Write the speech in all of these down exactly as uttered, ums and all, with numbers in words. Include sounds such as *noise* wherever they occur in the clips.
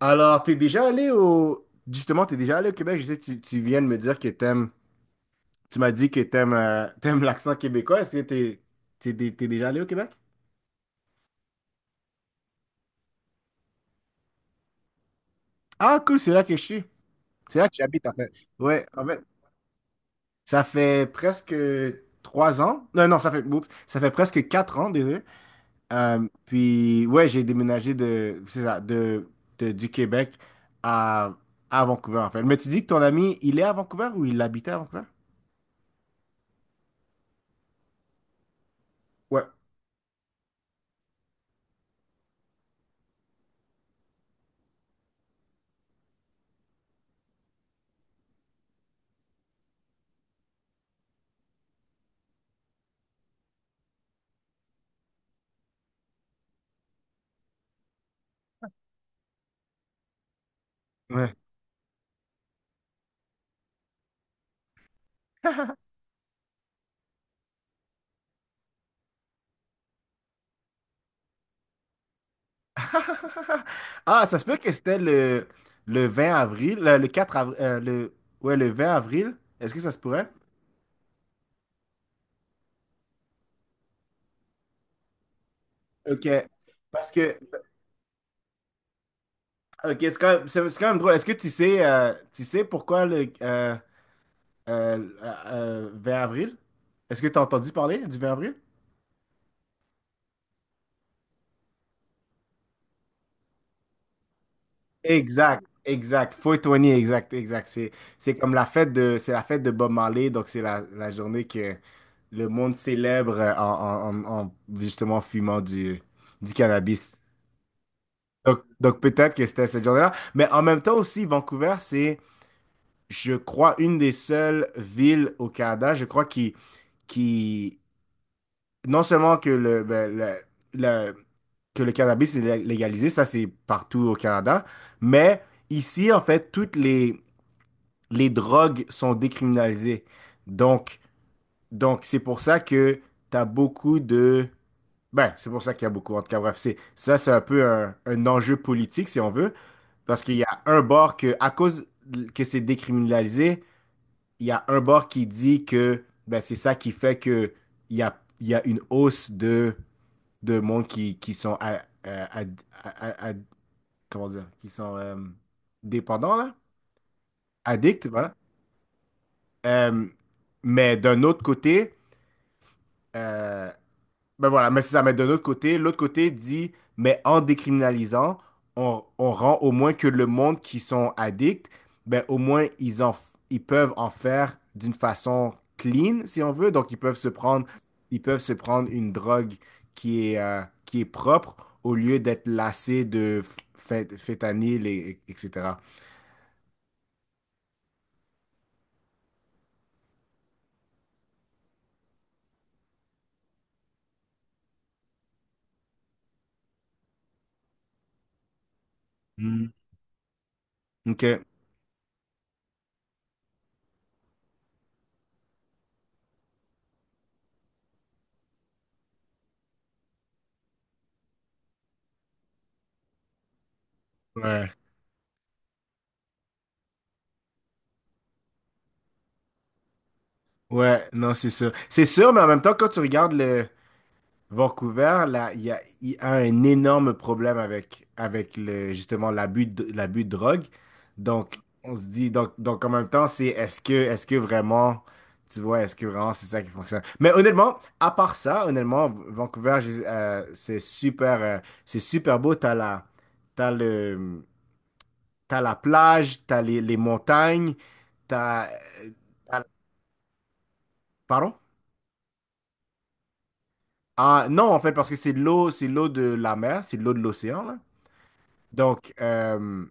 Alors, t'es déjà allé au... Justement, t'es déjà allé au Québec. Je sais, que tu, tu viens de me dire que t'aimes... Tu m'as dit que t'aimes euh, t'aimes l'accent québécois. Est-ce que t'es t'es dé- t'es déjà allé au Québec? Ah, cool, c'est là que je suis. C'est là que j'habite, en fait. Ouais, en fait, ça fait presque trois ans. Non, non, ça fait... oups, ça fait presque quatre ans, désolé. Euh, puis, ouais, j'ai déménagé de... c'est ça, de, de- du Québec à, à Vancouver, en fait. Mais tu dis que ton ami, il est à Vancouver ou il habitait à Vancouver? Ouais, ouais. *laughs* Ah, ça se peut que c'était le, le vingt avril, le, le quatre avril, euh, le, ouais, le vingt avril. Est-ce que ça se pourrait? OK. Parce que, OK, c'est quand même, c'est c'est quand même drôle. Est-ce que tu sais, euh, tu sais pourquoi le euh, euh, euh, vingt avril? Est-ce que tu as entendu parler du vingt avril? Exact, exact. quatre cent vingt, exact, exact. C'est, c'est comme la fête de, c'est la fête de Bob Marley, donc c'est la, la journée que le monde célèbre en, en- en- en justement fumant du, du cannabis. Donc, donc peut-être que c'était cette journée-là. Mais en même temps aussi, Vancouver, c'est, je crois, une des seules villes au Canada, je crois, qui, qui non seulement que le, ben, le- le- que le cannabis est lé- légalisé, ça c'est partout au Canada, mais... Ici, en fait, toutes les, les drogues sont décriminalisées. Donc, donc c'est pour ça que t'as beaucoup de... Ben, c'est pour ça qu'il y a beaucoup, en tout cas, bref, c'est, ça, c'est un peu un, un enjeu politique, si on veut, parce qu'il y a un bord que, à cause que c'est décriminalisé, il y a un bord qui dit que, ben, c'est ça qui fait que il y a, il y a une hausse de, de monde qui, qui sont, à, à- à- à- à- comment dire, qui sont euh, dépendants, là, addicts, voilà. Euh, mais d'un autre côté, Euh, ben voilà, mais c'est ça. Mais de l'autre côté, l'autre côté dit, mais en décriminalisant, on, on rend au moins que le monde qui sont addicts, ben au moins ils en, ils peuvent en faire d'une façon clean, si on veut. Donc ils peuvent se prendre, ils peuvent se prendre une drogue qui est, euh, qui est propre au lieu d'être lassés de phé- phétanyl et, et- etc. Hmm. Ok. Ouais. Ouais, non, c'est sûr. C'est sûr, mais en même temps, quand tu regardes le, Vancouver, là, il y a, il y a un énorme problème avec, avec le, justement l'abus de, l'abus de drogue. Donc, on se dit, donc, donc en même temps, c'est est-ce que, est-ce que vraiment, tu vois, est-ce que vraiment c'est ça qui fonctionne? Mais honnêtement, à part ça, honnêtement, Vancouver, je- euh, c'est super, euh, c'est super beau. T'as la, t'as le, t'as la plage, t'as les, les montagnes, t'as, euh, t'as- pardon? Ah, non, en fait, parce que c'est de l'eau, c'est de l'eau de la mer, c'est de l'eau de l'océan, là. Donc, euh,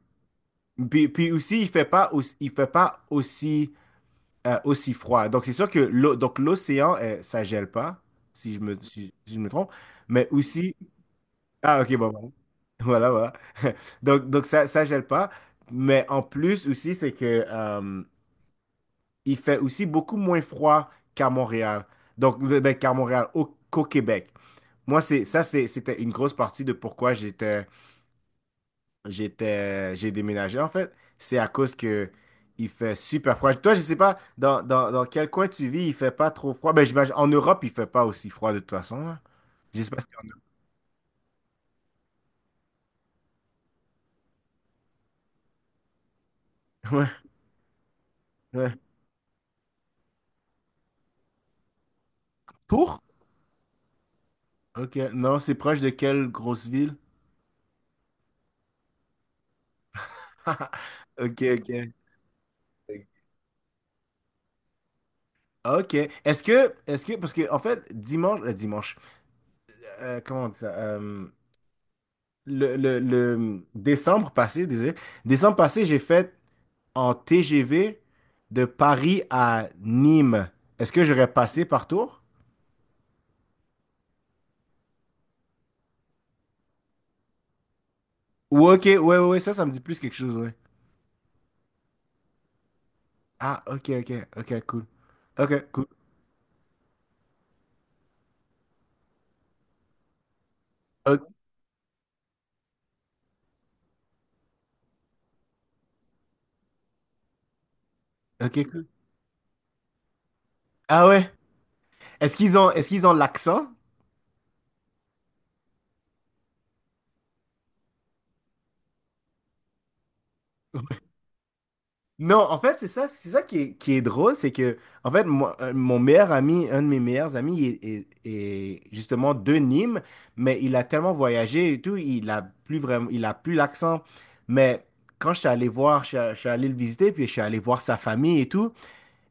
puis, puis aussi, il fait pas aussi, il fait pas aussi, euh, aussi froid. Donc, c'est sûr que l'eau, donc l'océan, euh, ça gèle pas, si je me, si, si je me trompe. Mais aussi, ah, ok, bon, bon. Voilà, voilà. *laughs* Donc, donc ça, ça gèle pas. Mais en plus aussi, c'est que euh, il fait aussi beaucoup moins froid qu'à Montréal. Donc, ben, ben, qu'à Montréal, au, qu'au Québec. Moi, c'est ça, c'est- c'était une grosse partie de pourquoi j'étais j'étais, j'ai déménagé en fait, c'est à cause que il fait super froid. Toi, je sais pas dans, dans, dans quel coin tu vis, il fait pas trop froid. Ben, j'imagine en Europe, il fait pas aussi froid de toute façon là. Je sais pas si en Europe. *laughs* Ouais, ouais. Tours? Ok, non, c'est proche de quelle grosse ville? *laughs* Ok, ok. Ok. Est-ce que, est-ce que, parce que en fait, dimanche, euh, dimanche, euh, comment on dit ça? Euh, le, le, le décembre passé, désolé, décembre passé, j'ai fait en T G V de Paris à Nîmes, est-ce que j'aurais passé par Tours? Ou ok, ouais, ouais, ouais, ça, ça me dit plus quelque chose, ouais. Ah, ok, ok, ok, cool. Ok, cool. Ok, ok, cool. Ah ouais. Est-ce qu'ils ont, est-ce qu'ils ont l'accent? Non, en fait, c'est ça, c'est ça qui est, qui est drôle, c'est que, en fait, moi, euh, mon meilleur ami, un de mes meilleurs amis, est, est- est justement de Nîmes, mais il a tellement voyagé et tout, il a plus vraiment, il a plus l'accent. Mais quand je suis allé voir, je, suis je suis allé le visiter, puis je suis allé voir sa famille et tout,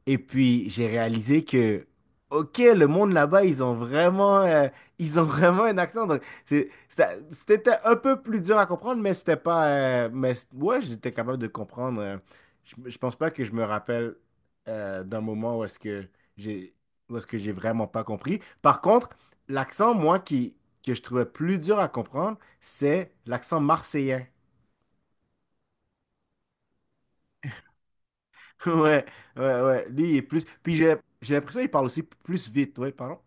et puis, j'ai réalisé que, OK, le monde là-bas, ils ont vraiment, euh, ils ont *laughs* vraiment un accent. Donc, c'est- ça- c'était un peu plus dur à comprendre, mais c'était pas. euh, mais c- ouais, j'étais capable de comprendre. euh. je, je pense pas que je me rappelle euh, d'un moment où est-ce que j'ai, où est-ce que j'ai vraiment pas compris. Par contre, l'accent, moi, qui, que je trouvais plus dur à comprendre, c'est l'accent marseillais. *laughs* Ouais, ouais, ouais. Lui, il est plus. Puis j'ai j'ai l'impression qu'il parle aussi plus vite. Ouais, pardon.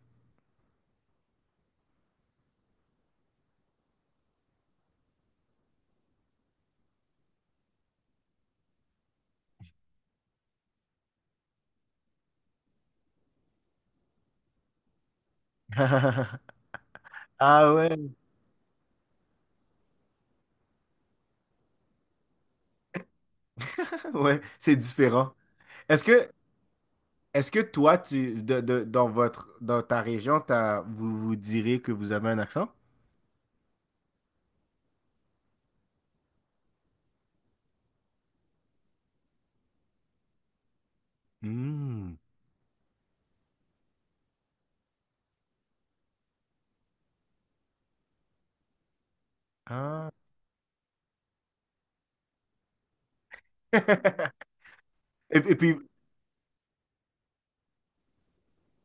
*laughs* Ah ouais, *laughs* ouais, c'est différent. Est-ce que, est-ce que toi, tu, de, de- dans votre, dans ta région, t'as- vous vous direz que vous avez un accent? Hmm. Ah. *laughs* Et, et puis,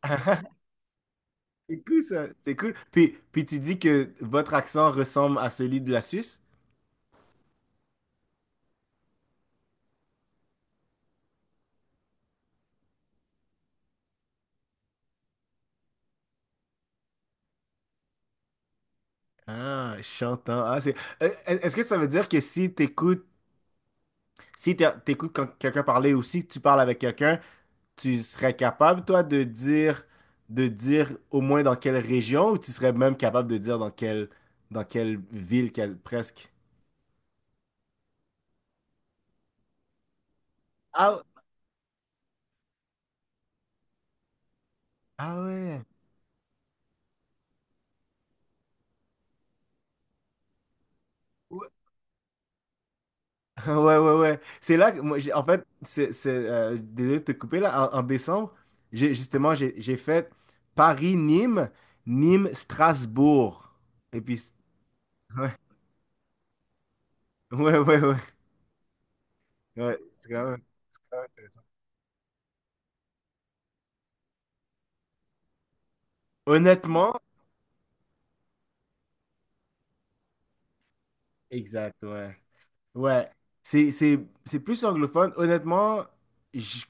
*laughs* c'est cool ça, c'est cool. Puis, puis tu dis que votre accent ressemble à celui de la Suisse? Ah, chantant. Ah, c'est. Euh, Est-ce que ça veut dire que si t'écoutes, si t'é- t'écoutes quand quelqu'un parler aussi, tu parles avec quelqu'un? Tu serais capable, toi, de dire, de dire au moins dans quelle région ou tu serais même capable de dire dans quelle, dans quelle ville quel- presque? Ah, ah ouais. Ouais, *laughs* ouais, ouais. Ouais. C'est là que moi, j'ai- en fait, c'est, c'est, euh, désolé de te couper là. En, en décembre, j'ai, justement, j'ai, j'ai fait Paris-Nîmes, Nîmes-Strasbourg. Et puis, ouais, *laughs* ouais, ouais, ouais. Ouais, c'est quand même- quand même intéressant. Honnêtement, exact, ouais. Ouais, c'est, c'est, c'est plus anglophone. Honnêtement, j-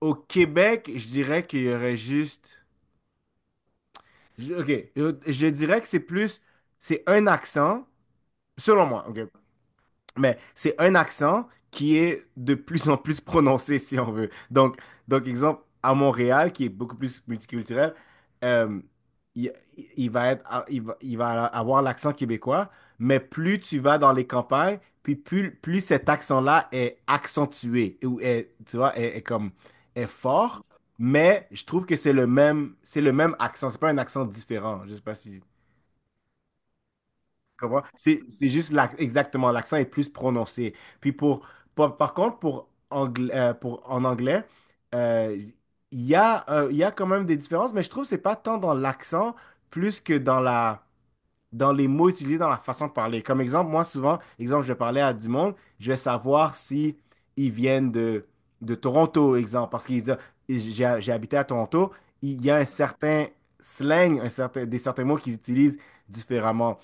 au Québec, je dirais qu'il y aurait juste... je- ok, je je dirais que c'est plus... C'est un accent, selon moi, ok? Mais c'est un accent qui est de plus en plus prononcé, si on veut. Donc, donc exemple, à Montréal, qui est beaucoup plus multiculturel, euh, il, il va être, ah, il va, il va avoir l'accent québécois, mais plus tu vas dans les campagnes, puis plus, plus cet accent-là est accentué, ou est, tu vois, est, est comme, est fort, mais je trouve que c'est le même, c'est le même accent, c'est pas un accent différent. Je sais pas si comprends? C'est c'est juste l'ac- exactement, l'accent est plus prononcé. Puis pour, par par contre, pour angla- euh, pour, en anglais, euh, il y a, euh, il y a quand même des différences, mais je trouve que c'est pas tant dans l'accent plus que dans la, dans les mots utilisés, dans la façon de parler. Comme exemple, moi souvent, exemple, je vais parler à du monde, je vais savoir si ils viennent de, de Toronto, exemple, parce qu'ils disent, j'ai j'ai habité à Toronto, il y a un certain slang, un certain, des certains mots qu'ils utilisent différemment.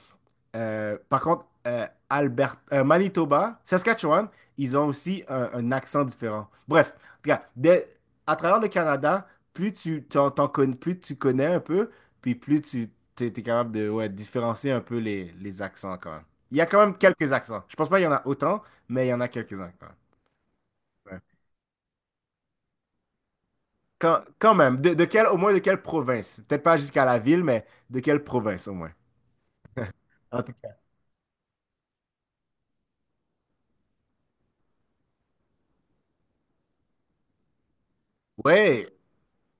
Euh, par contre, euh, Albert, euh, Manitoba, Saskatchewan, ils ont aussi un, un accent différent. Bref, regarde, dès- à travers le Canada, plus tu t'en, t'en con- plus tu connais un peu, puis plus tu t'es, t'es capable de ouais, différencier un peu les, les accents quand même. Il y a quand même quelques accents. Je pense pas qu'il y en a autant, mais il y en a quelques-uns quand même. Ouais. Quand, quand même, de, de quelle, au moins de quelle province? Peut-être pas jusqu'à la ville, mais de quelle province au moins? En tout cas. Ouais,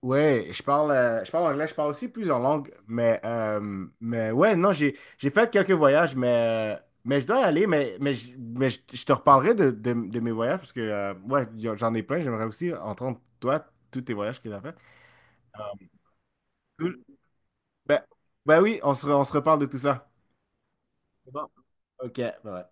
ouais, je parle, euh, je parle anglais, je parle aussi plusieurs langues, mais, euh, mais ouais, non, j'ai, j'ai fait quelques voyages, mais, euh, mais je dois y aller, mais, mais, je, mais je, je te reparlerai de, de, de mes voyages, parce que, euh, ouais, y a- j'en ai plein, j'aimerais aussi entendre, toi, tous tes voyages que tu as fait. Ah, cool. Ben, ben oui, on se, re- on se reparle de tout ça. C'est bon. Ok, bye.